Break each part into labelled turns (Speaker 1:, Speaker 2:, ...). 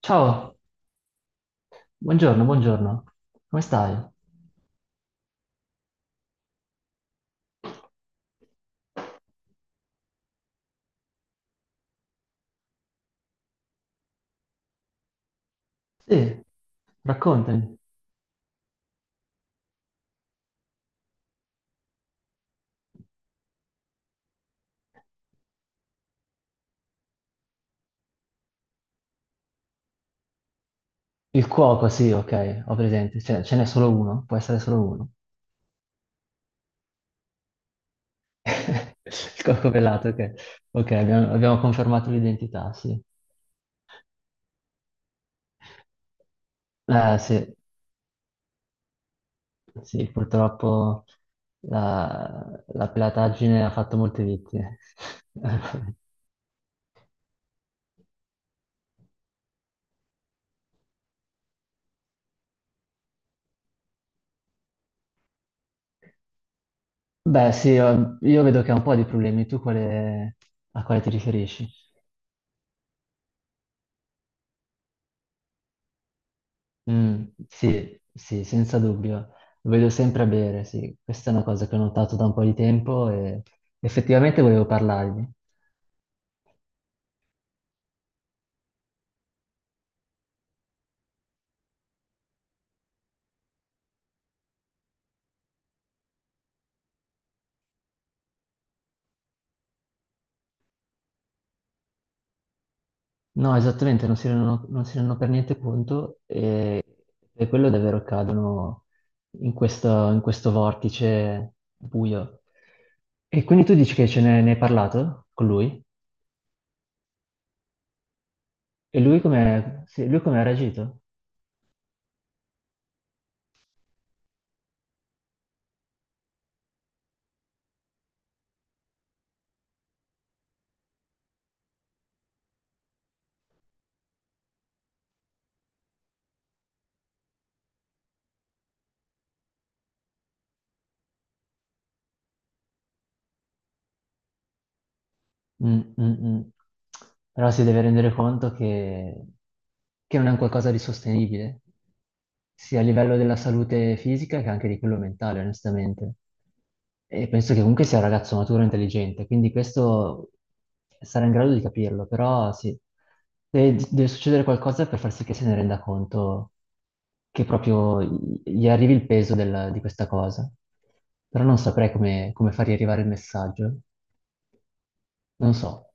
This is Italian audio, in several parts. Speaker 1: Ciao, buongiorno, buongiorno. Come stai? Sì, raccontami. Il cuoco, sì, ok, ho presente. Cioè, ce n'è solo uno? Può essere solo uno? Il cuoco pelato, ok. Ok, abbiamo confermato l'identità, sì. Eh, sì, sì, purtroppo la pelataggine ha fatto molte vittime. Beh, sì, io vedo che ha un po' di problemi. Tu quale- a quale ti riferisci? Mm, sì, sì, senza dubbio. Lo vedo sempre a bere, sì. Questa è una cosa che ho notato da un po' di tempo e effettivamente volevo parlargli. No, esattamente, non si rendono per niente conto e per quello davvero cadono in questo vortice buio. E quindi tu dici che ne hai parlato con lui? E lui come, sì, lui come ha reagito? Mm, mm, mm. Però si deve rendere conto che non è un qualcosa di sostenibile, sia a livello della salute fisica che anche di quello mentale, onestamente. E penso che comunque sia un ragazzo maturo e intelligente, quindi questo sarà in grado di capirlo, però sì, deve succedere qualcosa per far sì che se ne renda conto che proprio gli arrivi il peso di questa cosa. Però non saprei come fargli arrivare il messaggio, non so.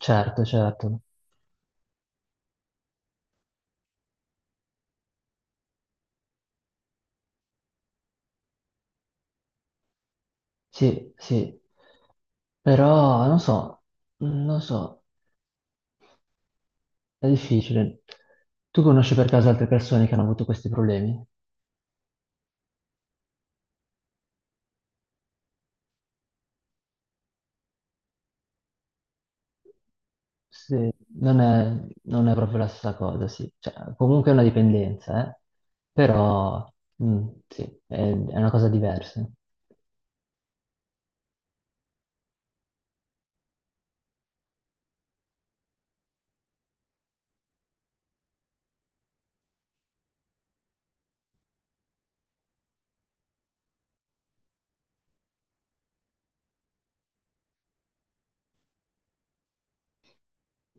Speaker 1: Certo, certo. Sì, sì. Però non so, non so, è difficile. Tu conosci per caso altre persone che hanno avuto questi problemi? Sì, non è proprio la stessa cosa, sì. Cioè, comunque è una dipendenza, eh. Però, mm, sì, è una cosa diversa.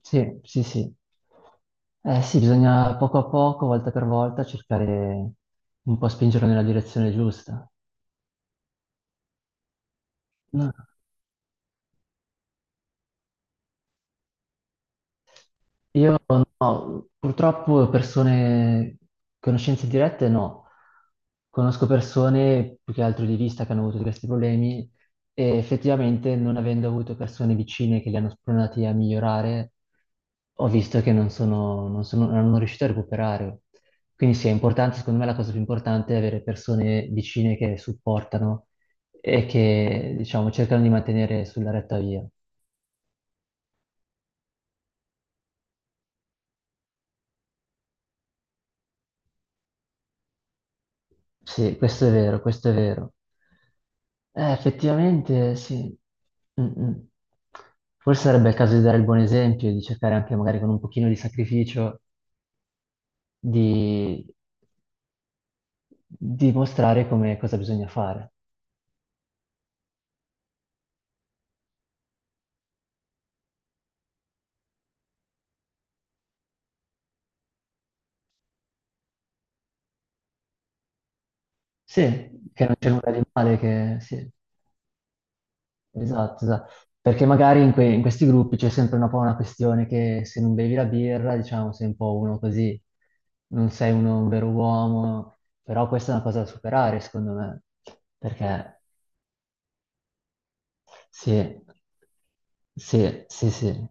Speaker 1: Sì, sì, sì. Eh sì, bisogna poco a poco, volta per volta, cercare un po' spingerlo nella direzione giusta. No. Io no, purtroppo persone, conoscenze dirette no. Conosco persone più che altro di vista che hanno avuto questi problemi e effettivamente non avendo avuto persone vicine che li hanno spronati a migliorare, ho visto che non hanno riuscito a recuperare. Quindi sì, è importante, secondo me la cosa più importante è avere persone vicine che supportano e che, diciamo, cercano di mantenere sulla retta via. Sì, questo è vero, questo è vero. Effettivamente sì. Mm, mm. Forse sarebbe il caso di dare il buon esempio, e di cercare anche magari con un pochino di sacrificio di, di mostrare come cosa bisogna fare. Sì, che non c'è nulla di male, che sì. Esatto, esatto. Perché magari in questi gruppi c'è sempre un po' una questione che se non bevi la birra, diciamo, sei un po' uno così, non sei uno, un vero uomo, però questa è una cosa da superare, secondo me, perché sì, sì, sì, sì,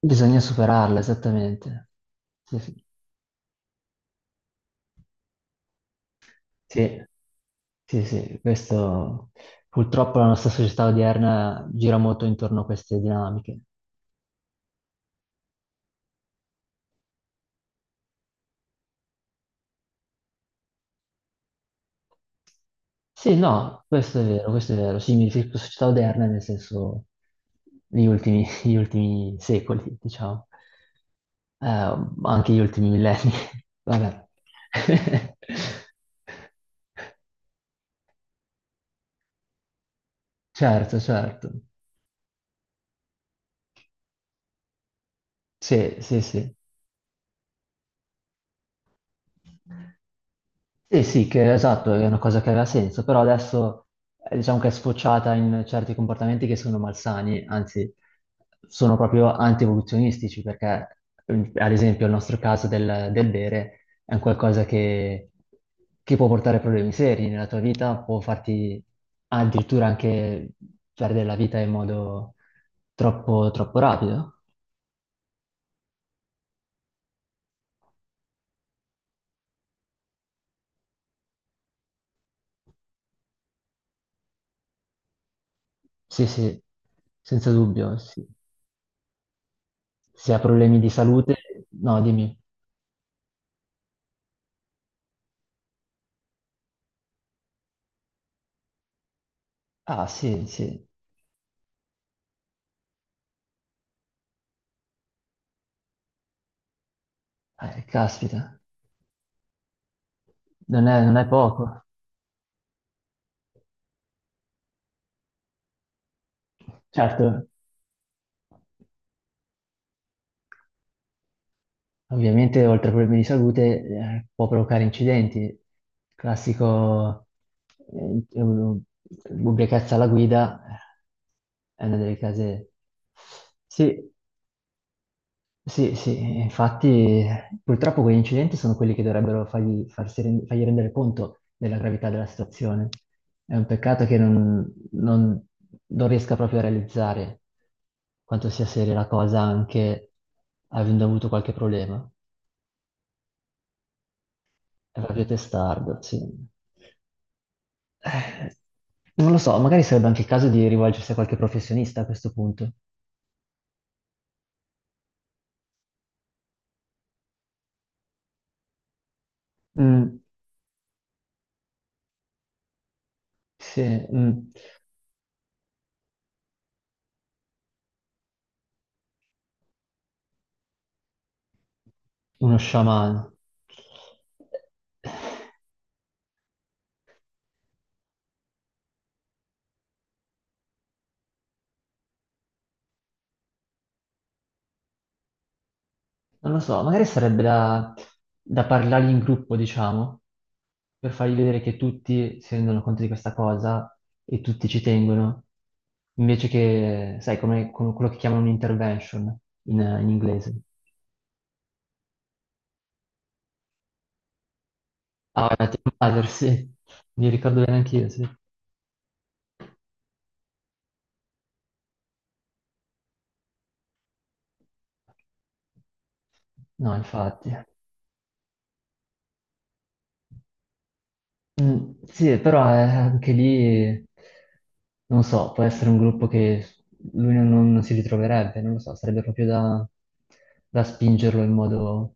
Speaker 1: bisogna superarla, esattamente. Sì, sì, sì, sì, sì, questo purtroppo la nostra società odierna gira molto intorno a queste dinamiche. Sì, no, questo è vero, questo è vero. Sì, mi riferisco a società oderne nel senso negli ultimi, gli ultimi secoli, diciamo, eh, anche gli ultimi millenni. Vabbè. Certo, certo. Sì, sì, sì. Sì, sì, che esatto, è una cosa che aveva senso, però adesso diciamo che è sfociata in certi comportamenti che sono malsani, anzi sono proprio anti-evoluzionistici, perché ad esempio il nostro caso del bere è un qualcosa che può portare problemi seri nella tua vita, può farti addirittura anche perdere la vita in modo troppo, troppo rapido. Sì, sì, senza dubbio, sì. Se ha problemi di salute, no, dimmi. Ah, sì, sì. Caspita, non è poco. Certo, ovviamente oltre a problemi di salute può provocare incidenti. Classico eh, u- ubriachezza alla guida, è una delle case... Sì, sì, sì, infatti purtroppo quegli incidenti sono quelli che dovrebbero fargli rendere conto della gravità della situazione. È un peccato che non riesca proprio a realizzare quanto sia seria la cosa anche avendo avuto qualche problema. È proprio testardo, sì. Eh, non lo so, magari sarebbe anche il caso di rivolgersi a qualche professionista a questo punto. Mm, sì, mm, uno sciamano. Non lo so, magari sarebbe da parlargli in gruppo, diciamo, per fargli vedere che tutti si rendono conto di questa cosa e tutti ci tengono, invece che, sai, come, come quello che chiamano un intervention in inglese. Ah, la team mother, sì, mi ricordo bene anch'io, sì. No, infatti. Mm, sì, però anche lì, non so, può essere un gruppo che lui non, non si ritroverebbe, non lo so, sarebbe proprio da spingerlo in modo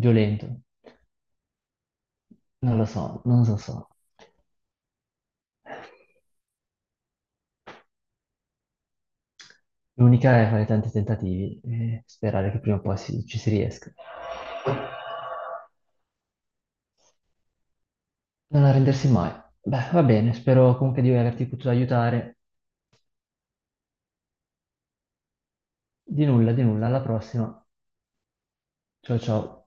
Speaker 1: violento. Non lo so, non lo so. L'unica è fare tanti tentativi e sperare che prima o poi si- ci si riesca. Non arrendersi mai. Beh, va bene, spero comunque di averti potuto aiutare. Di nulla, alla prossima. Ciao ciao.